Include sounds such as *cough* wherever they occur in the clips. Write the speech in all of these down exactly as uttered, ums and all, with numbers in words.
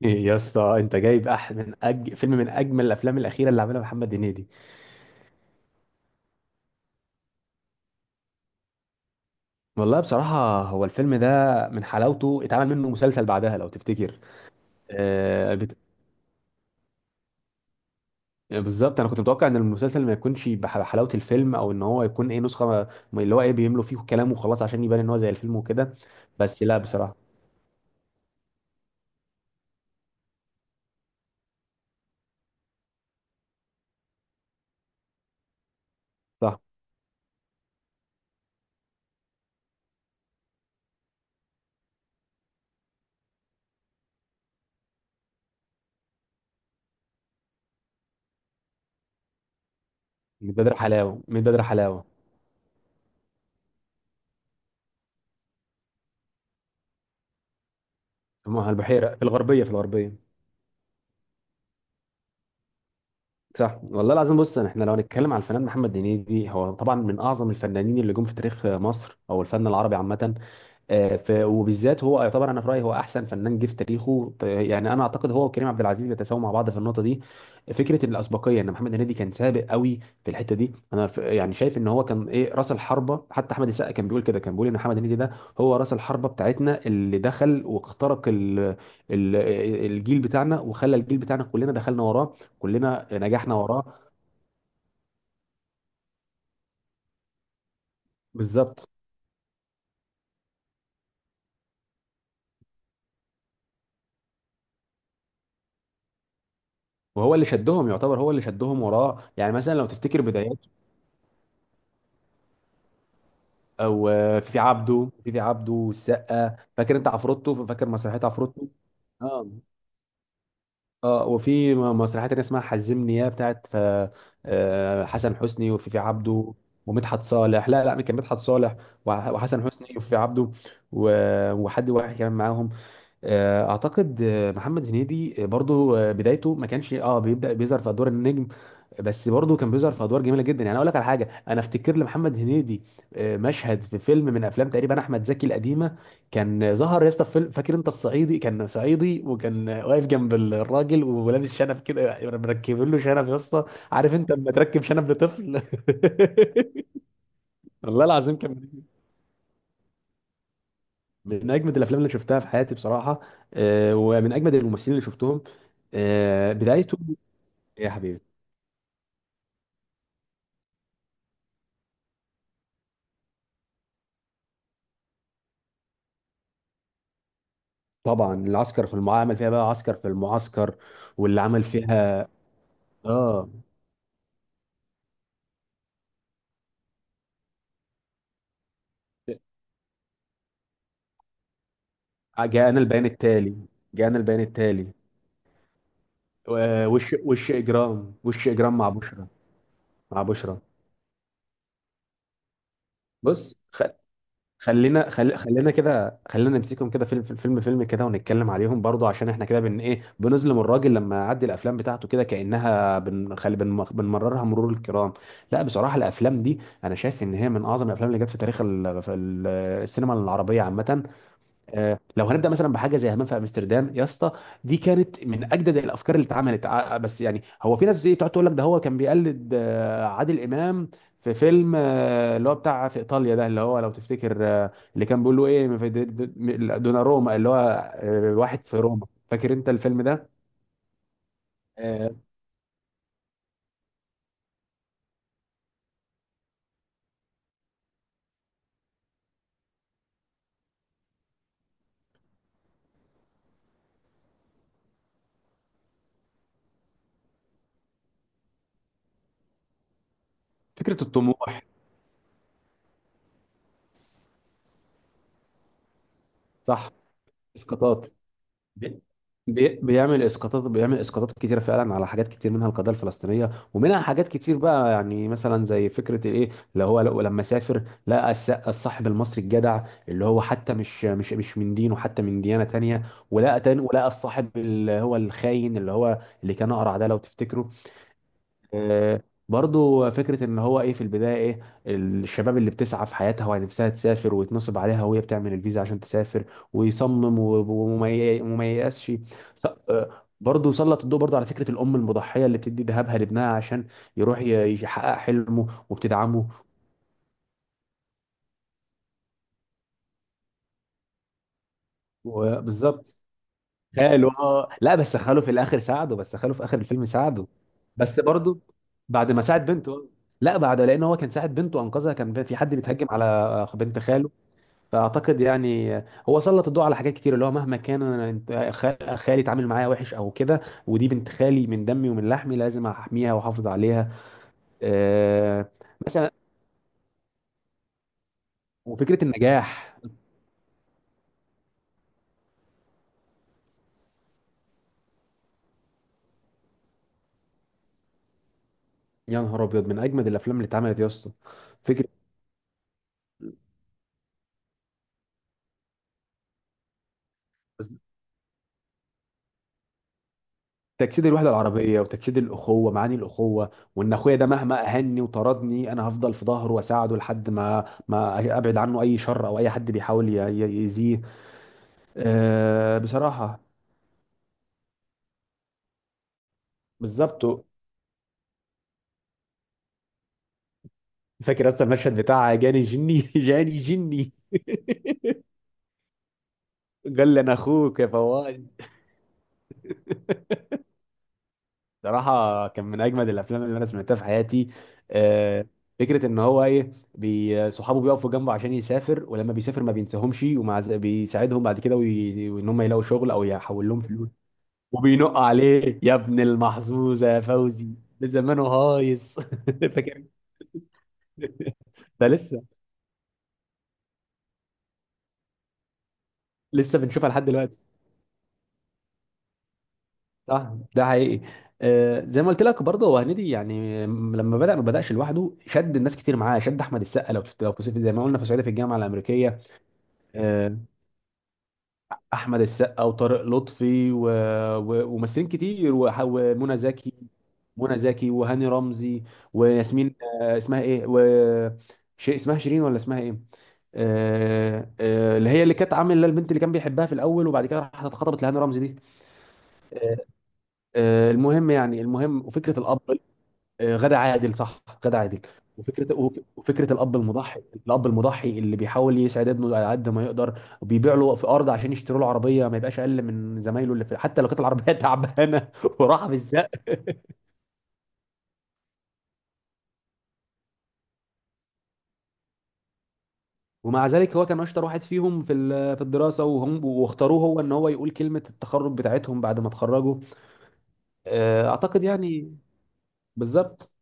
يا اسطى انت جايب أح من أج... فيلم من اجمل الافلام الاخيره اللي عملها محمد هنيدي. والله بصراحه هو الفيلم ده من حلاوته اتعمل منه مسلسل بعدها لو تفتكر. آه بت... بالظبط انا كنت متوقع ان المسلسل ما يكونش بح- بحلاوه الفيلم او ان هو يكون ايه نسخه ما- اللي هو ايه بيملوا فيه كلام وخلاص عشان يبان ان هو زي الفيلم وكده. بس لا بصراحه. صح، من بدر حلاوه، من بدر حلاوه. هم- البحيره في الغربيه في الغربيه. صح والله العظيم. بص، احنا لو هنتكلم على الفنان محمد هنيدي، هو طبعا من اعظم الفنانين اللي جم في تاريخ مصر او الفن العربي عامه. آه، ف- وبالذات هو يعتبر، انا في رايي هو احسن فنان جه في تاريخه ط- يعني انا اعتقد هو وكريم عبد العزيز بيتساووا مع بعض في النقطه دي. فكره الاسبقيه ان محمد هنيدي كان سابق قوي في الحته دي، انا ف- يعني شايف ان هو كان ايه راس الحربه. حتى احمد السقا كان بيقول كده، كان بيقول ان محمد هنيدي ده هو راس الحربه بتاعتنا اللي دخل واخترق ال ال الجيل بتاعنا، وخلى الجيل بتاعنا كلنا دخلنا وراه، كلنا نجحنا وراه. بالظبط. وهو اللي شدهم، يعتبر هو اللي شدهم وراه. يعني مثلا لو تفتكر بدايات، او آه، في عبده، في في عبده والسقا، فاكر انت عفروتو، فاكر مسرحيه عفروتو. اه اه. وفي م- مسرحيه تانيه اسمها حزمني يا بتاعت آه، آه، حسن حسني وفي في عبده ومدحت صالح. لا لا، كان مدحت صالح، وح- وحسن حسني وفي عبده، و- وحد واحد كمان معاهم. آه، اعتقد آه، محمد هنيدي آه، برضو آه، بدايته ما كانش اه بيبدا بيظهر في ادوار النجم، بس برضو كان بيظهر في ادوار جميله جدا. يعني اقول لك على حاجه، انا افتكر لمحمد هنيدي آه، مشهد في فيلم من افلام تقريبا احمد زكي القديمه. كان ظهر يا اسطى في فيلم، فاكر انت الصعيدي، كان صعيدي وكان واقف جنب الراجل ولابس شنب كده، مركبين له شنب يا اسطى. عارف انت لما تركب شنب لطفل *laughs* والله العظيم، كان من اجمد الافلام اللي شفتها في حياتي بصراحه، آه، ومن اجمد الممثلين اللي شفتهم آه، بدايته. يا حبيبي. طبعا العسكر في المعسكر، عمل فيها بقى عسكر في المعسكر، واللي عمل فيها اه جاءنا البيان التالي. جاءنا البيان التالي، و- وش، وش اجرام وش اجرام مع بشرى، مع بشرى. بص خ- خلينا، خل... خلينا كده، خلينا نمسكهم كده فيلم فيلم فيلم كده ونتكلم عليهم برضو، عشان احنا كده بن ايه بنظلم الراجل، لما يعدي الافلام بتاعته كده كانها بن... خل... بن... بنمررها مرور الكرام. لا بصراحه، الافلام دي انا شايف ان هي من اعظم الافلام اللي جت في تاريخ ال... في ال- السينما العربيه عامه. آه، لو هنبدا مثلا بحاجه زي همام في امستردام يا اسطى، دي كانت من اجدد الافكار اللي اتعملت ع- بس يعني هو في ناس ايه بتقعد تقول لك ده هو كان بيقلد آه، عادل امام في فيلم آه، اللي هو بتاع في ايطاليا ده، اللي هو لو تفتكر آه، اللي كان بيقول له ايه في د- د- دوناروما، اللي هو آه، واحد في روما. فاكر انت الفيلم ده؟ آه، فكره الطموح. صح. اسقاطات، بي- بي- بيعمل اسقاطات، بيعمل اسقاطات كتيره فعلا على حاجات كتير، منها القضيه الفلسطينيه ومنها حاجات كتير بقى. يعني مثلا زي فكره الايه اللي هو لو لما سافر، لقى الس- الصاحب المصري الجدع اللي هو حتى مش مش مش من دينه، حتى من ديانه تانية. ولقى تاني، ولقى الصاحب اللي هو الخاين، اللي هو اللي كان اقرع ده لو تفتكروا. آه، برضو فكرة ان هو ايه في البداية، ايه الشباب اللي بتسعى في حياتها ونفسها تسافر، ويتنصب عليها وهي بتعمل الفيزا عشان تسافر، ويصمم و- وما ي- وما ييأسش. ص- آه، برضو سلط الضوء برضو على فكرة الأم المضحية اللي بتدي ذهبها لابنها عشان يروح ي- يحقق حلمه وبتدعمه. وبالظبط. خاله اه *laughs* لا بس خاله في الآخر ساعده، بس خاله في آخر الفيلم ساعده. بس برضو بعد ما ساعد بنته. لا بعد، لأن هو كان ساعد بنته، أنقذها، كان في حد بيتهجم على بنت خاله. فاعتقد يعني هو سلط الضوء على حاجات كتير، اللي هو مهما كان انا أنت- خال- خالي اتعامل معايا وحش او كده، ودي بنت خالي، من دمي ومن لحمي، لازم احميها واحافظ عليها. آه، مثلا. وفكره النجاح. يا نهار ابيض، من اجمد الافلام اللي اتعملت يا اسطى. فكره تجسيد الوحده العربيه، وتجسيد الاخوه، معاني الاخوه، وان اخويا ده مهما اهني وطردني انا هفضل في ظهره واساعده لحد ما ما ابعد عنه اي شر او اي حد بيحاول ي- ي- يأذيه. آه بصراحه. بالظبط. فاكر اصلا المشهد بتاع جاني جني *laughs* جاني جني *laughs* قال لي انا اخوك يا فواز. صراحة كان من أجمد الأفلام اللي أنا سمعتها في حياتي. آه، فكرة إن هو إيه بي- صحابه بيقفوا جنبه عشان يسافر، ولما بيسافر ما بينساهمش، ومع ذ- بيساعدهم بعد كده، وي- وإن هم يلاقوا شغل أو يحول لهم فلوس. وبينق عليه يا ابن المحظوظة يا فوزي، ده زمانه هايص *laughs* فاكر؟ ده لسه، لسه بنشوفها لحد دلوقتي. صح، ده حقيقي. آه، زي ما قلت لك برضه، هو هنيدي يعني م- لما بدأ ما بدأش لوحده، شد الناس كتير معاه، شد احمد السقا لو تفت- لو في زي ما قلنا في صعيدي في الجامعه الامريكيه. آه، احمد السقا وطارق لطفي و- و- وممثلين كتير، وح- ومنى زكي. منى زكي وهاني رمزي وياسمين، آه، اسمها ايه، و شيء اسمها شيرين ولا اسمها ايه، آه، آه، اللي هي اللي كانت عامله البنت اللي كان بيحبها في الاول، وبعد كده راحت اتخطبت لهاني رمزي دي. آه، المهم يعني، المهم وفكره الاب. آه، غادة عادل، صح غادة عادل. وفكره وف- وفكره الاب المضحي، الاب المضحي اللي بيحاول يسعد ابنه على قد ما يقدر، وبيبيع له في ارض عشان يشتروا له عربيه ما يبقاش اقل من زمايله اللي في، حتى لو كانت العربيه *laughs* تعبانه. وراح بالزق. ومع ذلك هو كان اشطر واحد فيهم في ال- في الدراسه، وهم واختاروه هو ان هو يقول كلمه التخرج بتاعتهم بعد ما اتخرجوا. آه، اعتقد يعني، بالظبط.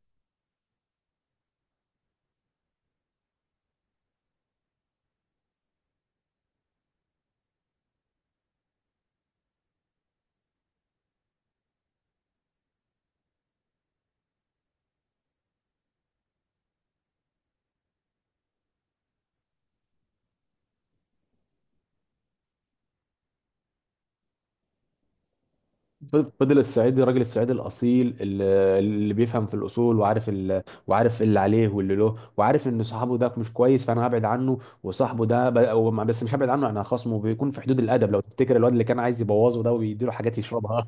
فضل الصعيدي، الراجل الصعيدي الاصيل اللي، اللي بيفهم في الاصول، وعارف ال... وعارف اللي عليه واللي له، وعارف ان صاحبه ده مش كويس فانا هبعد عنه، وصاحبه ده ب... هو ما- بس مش هبعد عنه، انا خصمه بيكون في حدود الادب. لو تفتكر الواد اللي كان عايز يبوظه ده ويديله حاجات يشربها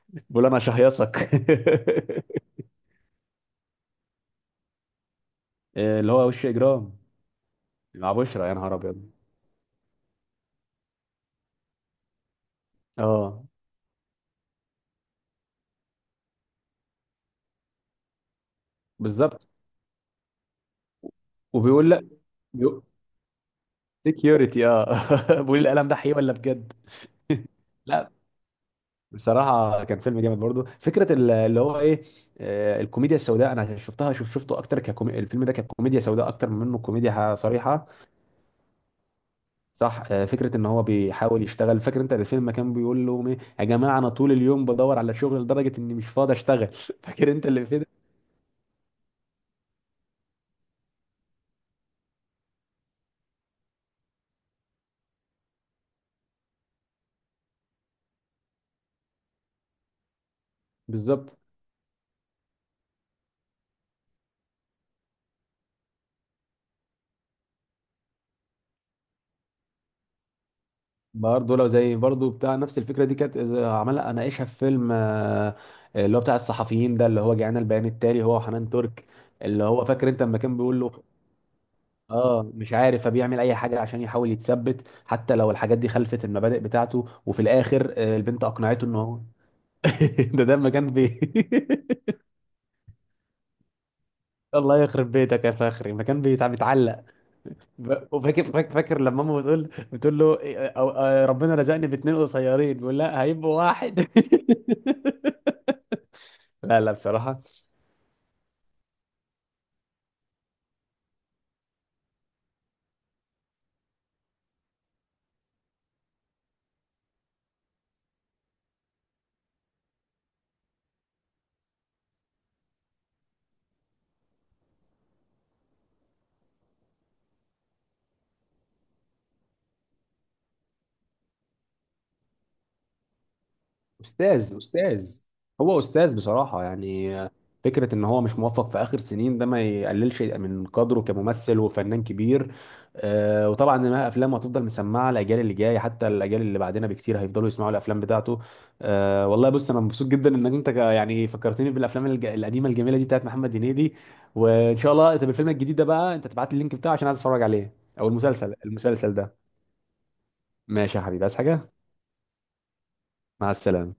*laughs* بيقول انا شهيصك *laughs* اللي هو وش اجرام مع بشرى، يا نهار ابيض اه. بالظبط. وبيقول لا سكيورتي اه *laughs* بيقول القلم ده حقيقي ولا بجد *laughs* لا بصراحة كان فيلم جامد. برضو فكرة ال- اللي هو ايه آه، الكوميديا السوداء، انا شفتها، شوف شفته اكتر ككومي... الفيلم ده ككوميديا سوداء اكتر من منه كوميديا ح- صريحة. صح. آه، فكرة ان هو بيحاول يشتغل، فاكر انت الفيلم كان بيقول لهم ايه يا جماعة، انا طول اليوم بدور على شغل لدرجة اني مش فاضي اشتغل *laughs* فاكر انت اللي في ده؟ بالظبط. برضه لو زي برضه بتاع نفس الفكرة دي كانت إذا عملها اناقشها في فيلم آه، اللي هو بتاع الصحفيين ده، اللي هو جاءنا البيان التالي هو وحنان ترك. اللي هو فاكر انت لما كان بيقول له اه مش عارف، فبيعمل اي حاجه عشان يحاول يتثبت، حتى لو الحاجات دي خلفت المبادئ بتاعته، وفي الاخر آه، البنت اقنعته ان هو *laughs* ده ده مكان بي *laughs* الله يخرب بيتك يا فخري، مكان بيتع- بيتعلق ب- وفاكر، فاكر، فاكر لما ماما بتقول، بتقول له إيه، أو- آه، ربنا رزقني باتنين قصيرين، بيقول لا هيبقوا واحد *laughs* لا لا بصراحه، استاذ، استاذ، هو استاذ بصراحه. يعني فكره ان هو مش موفق في اخر سنين ده، ما يقللش من قدره كممثل وفنان كبير. آه. وطبعا ما افلامه هتفضل مسمعه الاجيال اللي جايه، حتى الاجيال اللي بعدنا بكتير هيفضلوا يسمعوا الافلام بتاعته. آه والله. بص انا مبسوط جدا انك انت ك- يعني فكرتني بالافلام الج- القديمه الجميله دي بتاعت محمد هنيدي. وان شاء الله، طب الفيلم الجديد ده بقى انت تبعت لي اللينك بتاعه عشان عايز اتفرج عليه، او المسلسل، المسلسل ده. ماشي يا حبيبي، عايز حاجه؟ مع السلامه.